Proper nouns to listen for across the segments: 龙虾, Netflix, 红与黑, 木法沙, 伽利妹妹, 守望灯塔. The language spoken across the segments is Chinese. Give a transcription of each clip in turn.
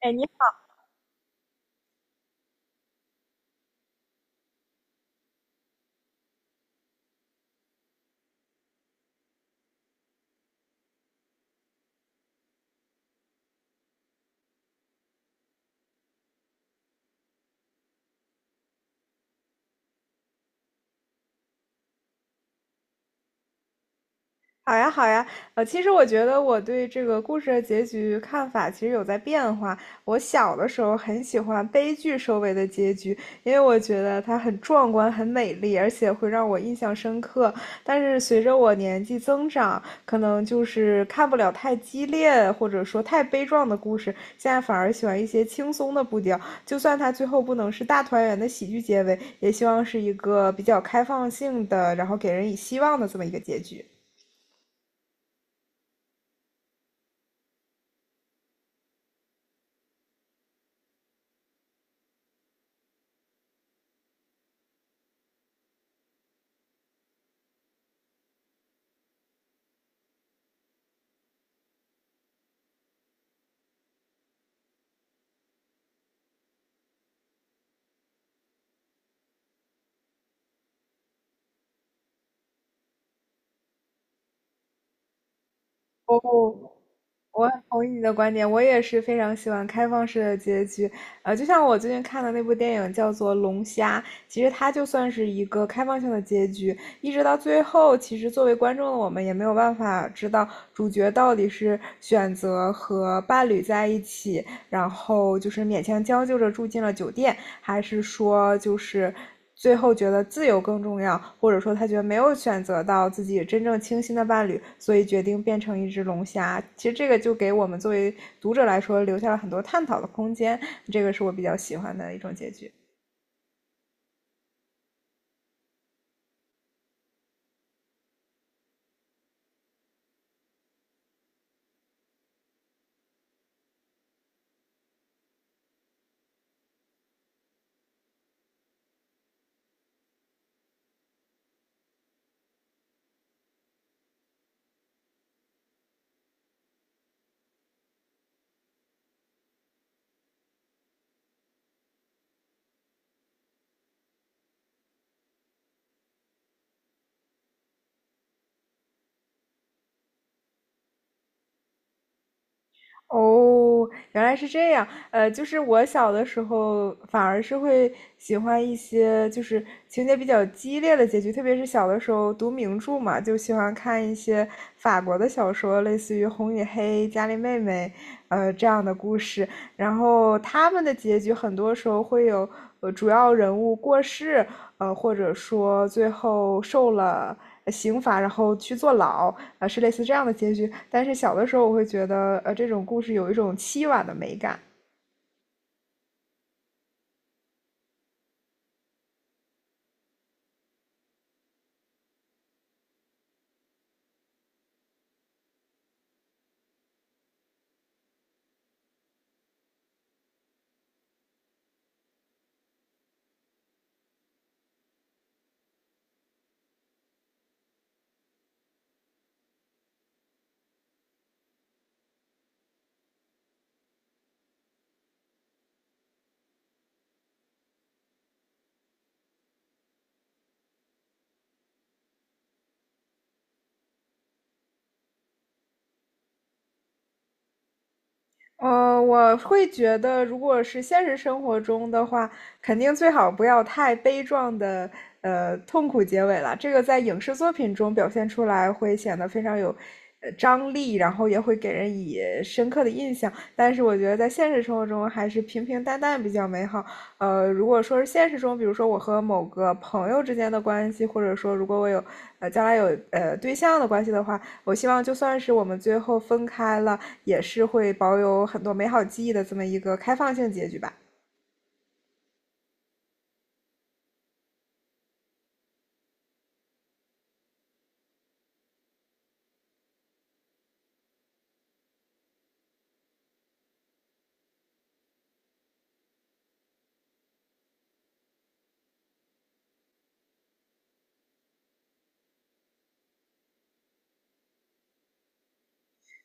哎，你好呀，好呀。其实我觉得我对这个故事的结局看法其实有在变化。我小的时候很喜欢悲剧收尾的结局，因为我觉得它很壮观、很美丽，而且会让我印象深刻。但是随着我年纪增长，可能就是看不了太激烈或者说太悲壮的故事，现在反而喜欢一些轻松的步调。就算它最后不能是大团圆的喜剧结尾，也希望是一个比较开放性的，然后给人以希望的这么一个结局。我我很同意你的观点，我也是非常喜欢开放式的结局。就像我最近看的那部电影叫做《龙虾》，其实它就算是一个开放性的结局，一直到最后，其实作为观众的我们也没有办法知道主角到底是选择和伴侣在一起，然后就是勉强将就着住进了酒店，还是说就是最后觉得自由更重要，或者说他觉得没有选择到自己真正倾心的伴侣，所以决定变成一只龙虾。其实这个就给我们作为读者来说留下了很多探讨的空间，这个是我比较喜欢的一种结局。哦，原来是这样。就是我小的时候反而是会喜欢一些就是情节比较激烈的结局，特别是小的时候读名著嘛，就喜欢看一些法国的小说，类似于《红与黑》《伽利妹妹》这样的故事。然后他们的结局很多时候会有主要人物过世，或者说最后受了刑罚，然后去坐牢，是类似这样的结局。但是小的时候，我会觉得，这种故事有一种凄婉的美感，我会觉得，如果是现实生活中的话，肯定最好不要太悲壮的，痛苦结尾了。这个在影视作品中表现出来，会显得非常有，张力，然后也会给人以深刻的印象。但是我觉得在现实生活中，还是平平淡淡比较美好。如果说是现实中，比如说我和某个朋友之间的关系，或者说如果我有，将来有对象的关系的话，我希望就算是我们最后分开了。也是会保有很多美好记忆的这么一个开放性结局吧。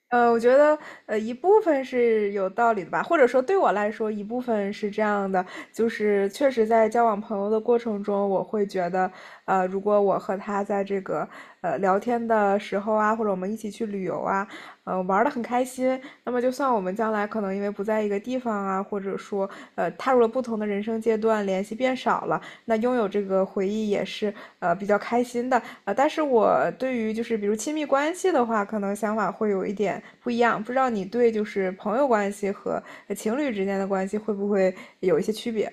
我觉得一部分是有道理的吧，或者说对我来说一部分是这样的，就是确实在交往朋友的过程中，我会觉得，如果我和他在这个聊天的时候啊，或者我们一起去旅游啊，玩的很开心，那么就算我们将来可能因为不在一个地方啊，或者说踏入了不同的人生阶段，联系变少了。那拥有这个回忆也是比较开心的，但是我对于就是比如亲密关系的话，可能想法会有一点不一样，不知道你对就是朋友关系和情侣之间的关系会不会有一些区别？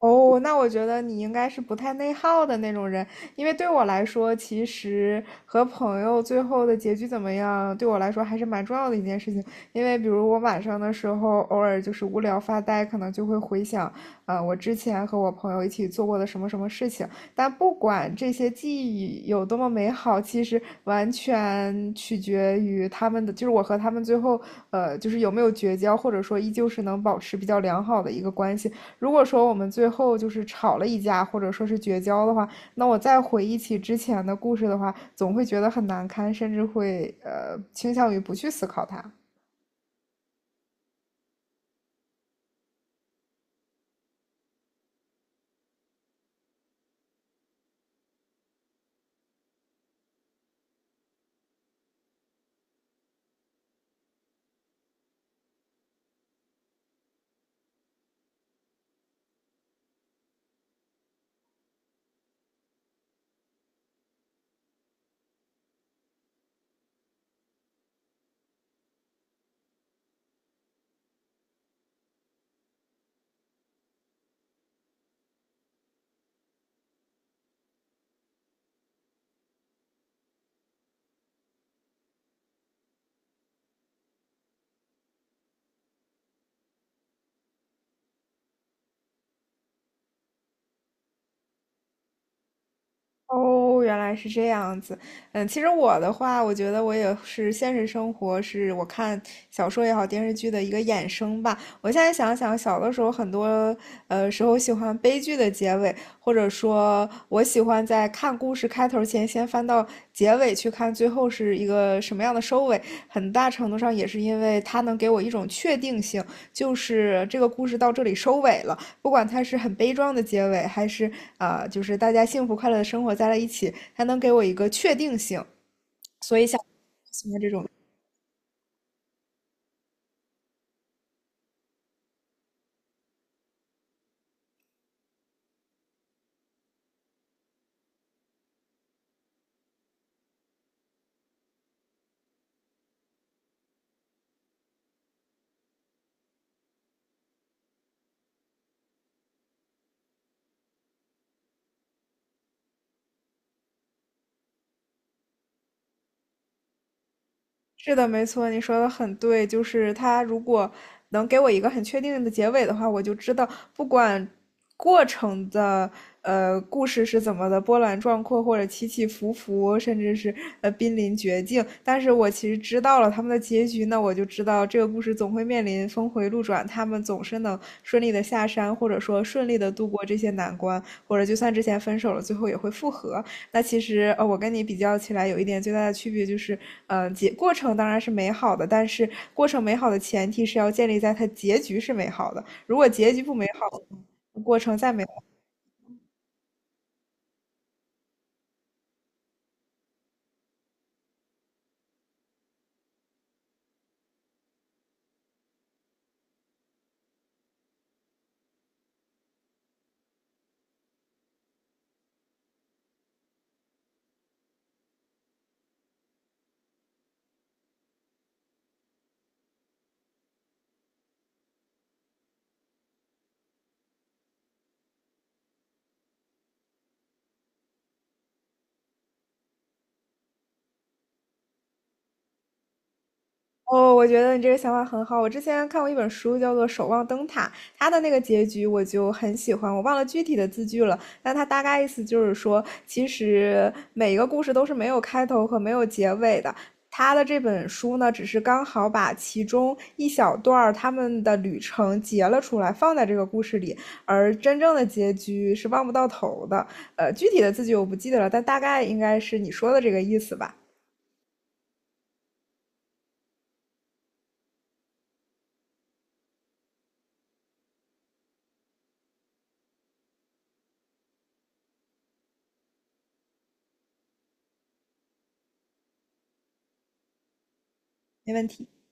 哦，那我觉得你应该是不太内耗的那种人，因为对我来说，其实和朋友最后的结局怎么样，对我来说还是蛮重要的一件事情。因为比如我晚上的时候，偶尔就是无聊发呆，可能就会回想，我之前和我朋友一起做过的什么什么事情。但不管这些记忆有多么美好，其实完全取决于他们的，就是我和他们最后，就是有没有绝交，或者说依旧是能保持比较良好的一个关系。如果说我们最后就是吵了一架，或者说是绝交的话，那我再回忆起之前的故事的话，总会觉得很难堪，甚至会倾向于不去思考它。哦，原来是这样子。嗯，其实我的话，我觉得我也是现实生活，是我看小说也好，电视剧的一个衍生吧。我现在想想，小的时候很多时候喜欢悲剧的结尾，或者说我喜欢在看故事开头前先翻到结尾去看最后是一个什么样的收尾。很大程度上也是因为它能给我一种确定性，就是这个故事到这里收尾了。不管它是很悲壮的结尾，还是啊，就是大家幸福快乐的生活在了一起，它能给我一个确定性。所以像我喜欢这种是的，没错，你说的很对，就是他如果能给我一个很确定的结尾的话，我就知道不管过程的故事是怎么的波澜壮阔，或者起起伏伏，甚至是濒临绝境，但是我其实知道了他们的结局那我就知道这个故事总会面临峰回路转，他们总是能顺利的下山，或者说顺利的度过这些难关，或者就算之前分手了，最后也会复合。那其实我跟你比较起来，有一点最大的区别就是，结过程当然是美好的，但是过程美好的前提是要建立在它结局是美好的。如果结局不美好，过程再美。哦，我觉得你这个想法很好。我之前看过一本书，叫做《守望灯塔》，它的那个结局我就很喜欢。我忘了具体的字句了，但它大概意思就是说，其实每一个故事都是没有开头和没有结尾的。他的这本书呢，只是刚好把其中一小段儿他们的旅程截了出来，放在这个故事里，而真正的结局是望不到头的。具体的字句我不记得了，但大概应该是你说的这个意思吧？没问题。